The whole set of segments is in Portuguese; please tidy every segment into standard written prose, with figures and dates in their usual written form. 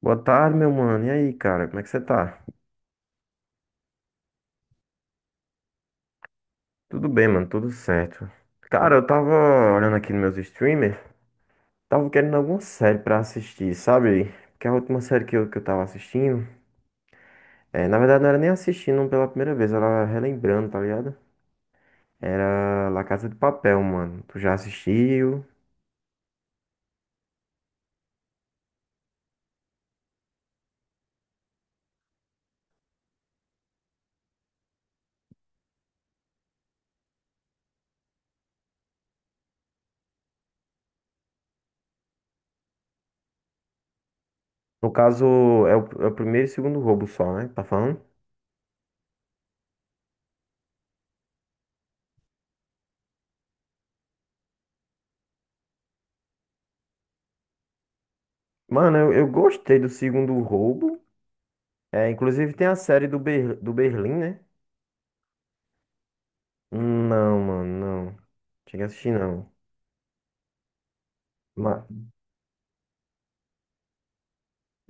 Boa tarde, meu mano. E aí, cara, como é que você tá? Tudo bem, mano, tudo certo. Cara, eu tava olhando aqui nos meus streamers, tava querendo alguma série pra assistir, sabe? Porque a última série que eu tava assistindo, na verdade não era nem assistindo um pela primeira vez, era relembrando, tá ligado? Era La Casa de Papel, mano. Tu já assistiu? No caso, é o primeiro e segundo roubo só, né? Tá falando? Mano, eu gostei do segundo roubo. É, inclusive tem a série do, do Berlim, né? Não, mano, não. Cheguei a assistir, não. Mas,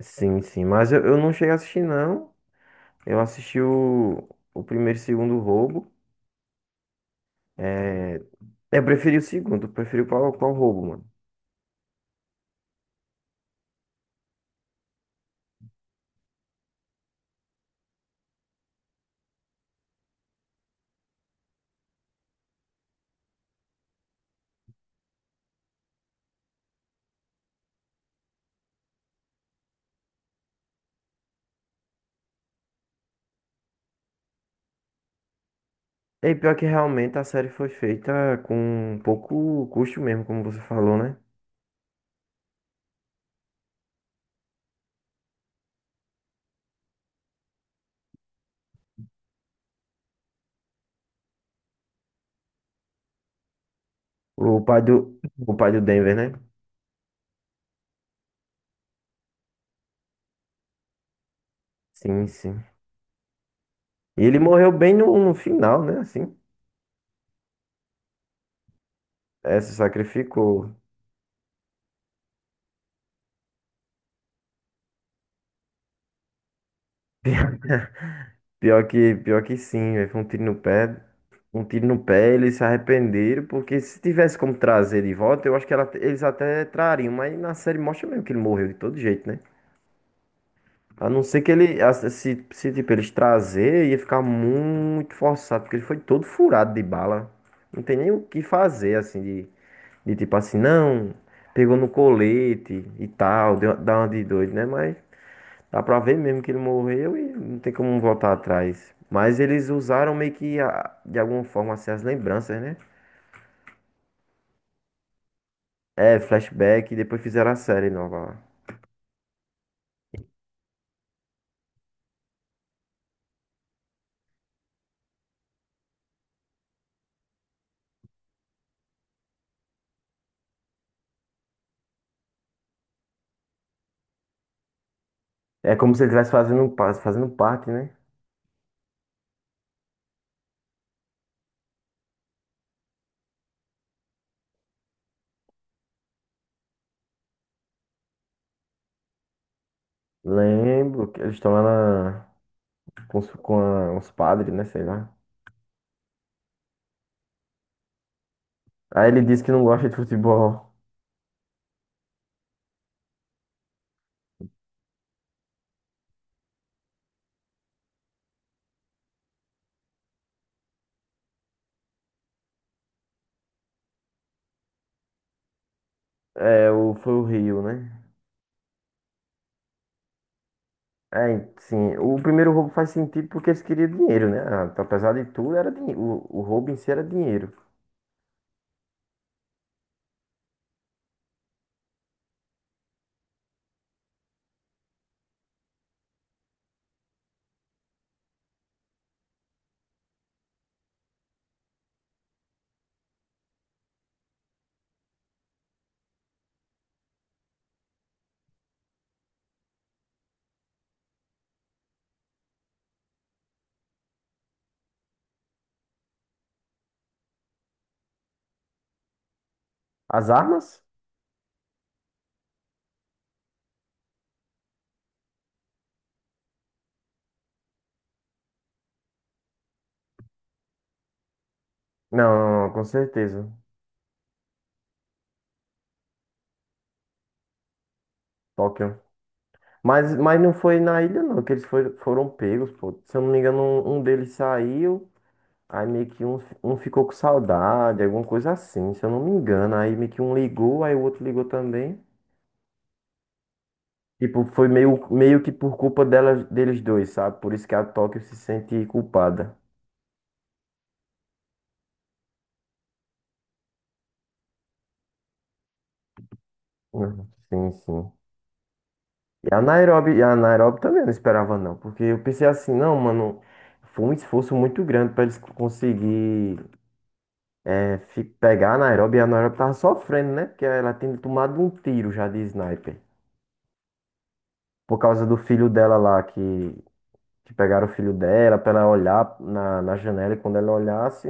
sim, sim. Mas eu não cheguei a assistir, não. Eu assisti o primeiro e segundo roubo. É, eu preferi o segundo. Eu preferi o qual roubo, mano. E pior que realmente a série foi feita com pouco custo mesmo, como você falou, né? O pai o pai do Denver, né? Sim, sim. E ele morreu bem no final, né? Assim, é, se sacrificou. Pior que sim, velho. Foi um tiro no pé. Um tiro no pé, eles se arrependeram, porque se tivesse como trazer de volta, eu acho que eles até trariam, mas na série mostra mesmo que ele morreu de todo jeito, né? A não ser que ele, a- se tipo, eles trazer, ia ficar muito forçado, porque ele foi todo furado de bala. Não tem nem o que fazer, assim, não, pegou no colete e tal, dá uma de doido, né? Mas dá pra ver mesmo que ele morreu e não tem como voltar atrás. Mas eles usaram meio que de alguma forma assim, as lembranças, né? É, flashback e depois fizeram a série nova lá. É como se ele estivesse fazendo, fazendo parte, né? Lembro que eles estão lá com, com os padres, né? Sei lá. Aí ele disse que não gosta de futebol. É, foi o Rio, né? É, sim. O primeiro roubo faz sentido porque eles queriam dinheiro, né? Ah, apesar de tudo, era dinheiro. O roubo em si era dinheiro. As armas? Não, não, com certeza. Tóquio. Mas não foi na ilha, não, que eles foram, foram pegos, pô. Se eu não me engano, um deles saiu, aí meio que um ficou com saudade, alguma coisa assim, se eu não me engano. Aí meio que um ligou, aí o outro ligou também. Tipo, foi meio, meio que por culpa dela, deles dois, sabe? Por isso que a Tóquio se sente culpada. Uhum. Sim, sim. E a Nairobi também eu não esperava, não, porque eu pensei assim, não, mano, foi um esforço muito grande pra eles conseguir. É, pegar a Nairobi, e a Nairobi tava sofrendo, né? Porque ela tinha tomado um tiro já de sniper. Por causa do filho dela lá, que pegaram o filho dela pra ela olhar na janela e quando ela olhasse,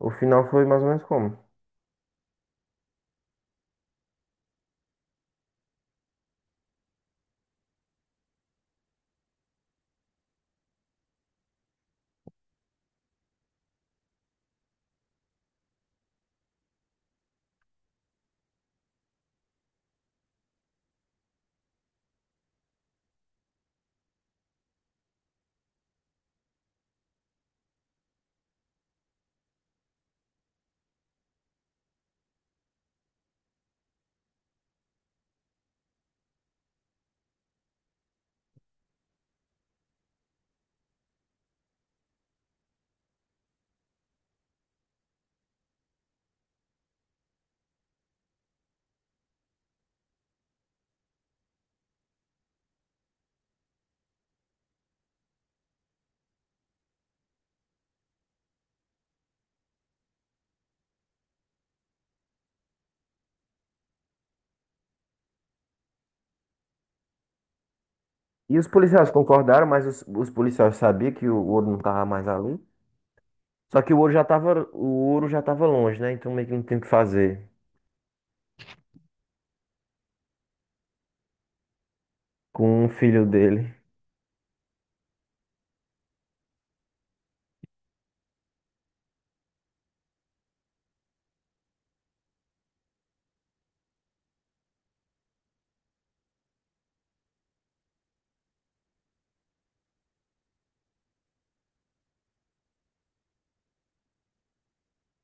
o final foi mais ou menos como. E os policiais concordaram, mas os policiais sabiam que o ouro não tava mais ali. Só que o ouro já tava longe, né? Então meio que não tinha o que fazer com o filho dele.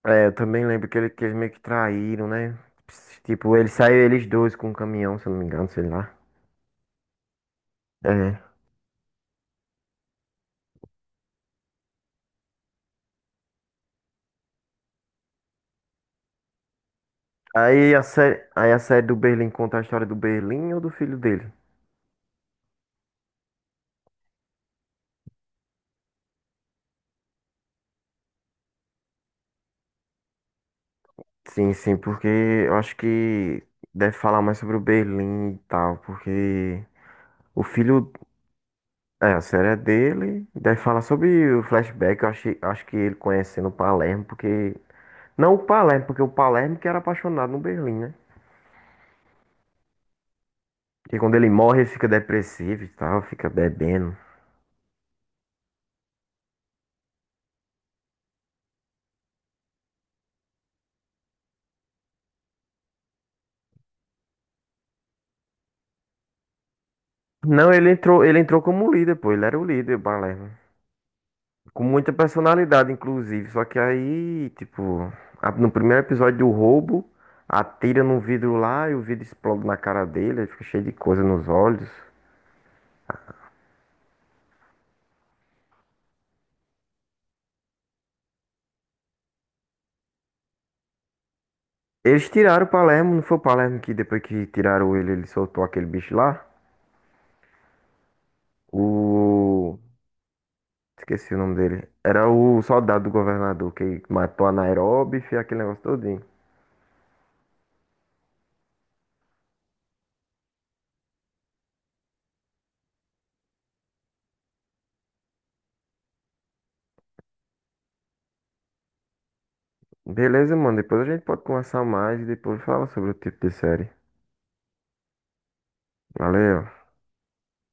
É, eu também lembro que, ele, que eles meio que traíram, né? Tipo, ele saiu eles dois com um caminhão, se eu não me engano, sei lá. É. Aí a série do Berlim conta a história do Berlim ou do filho dele? Sim, sim, porque eu acho que deve falar mais sobre o Berlim e tal, porque o filho, é, a série é dele, deve falar sobre o flashback, eu acho, acho que ele conhecendo o Palermo, porque, não o Palermo, porque o Palermo que era apaixonado no Berlim, né? Porque quando ele morre, ele fica depressivo e tal, fica bebendo. Não, ele entrou como líder, pô, ele era o líder, o Palermo. Com muita personalidade, inclusive. Só que aí, tipo, no primeiro episódio do roubo, atira num vidro lá e o vidro explode na cara dele, aí fica cheio de coisa nos olhos. Eles tiraram o Palermo, não foi o Palermo que depois que tiraram ele, ele soltou aquele bicho lá? O. Esqueci o nome dele. Era o soldado do governador que matou a Nairobi e fez aquele negócio todinho. Beleza, mano. Depois a gente pode conversar mais e depois fala sobre o tipo de série. Valeu.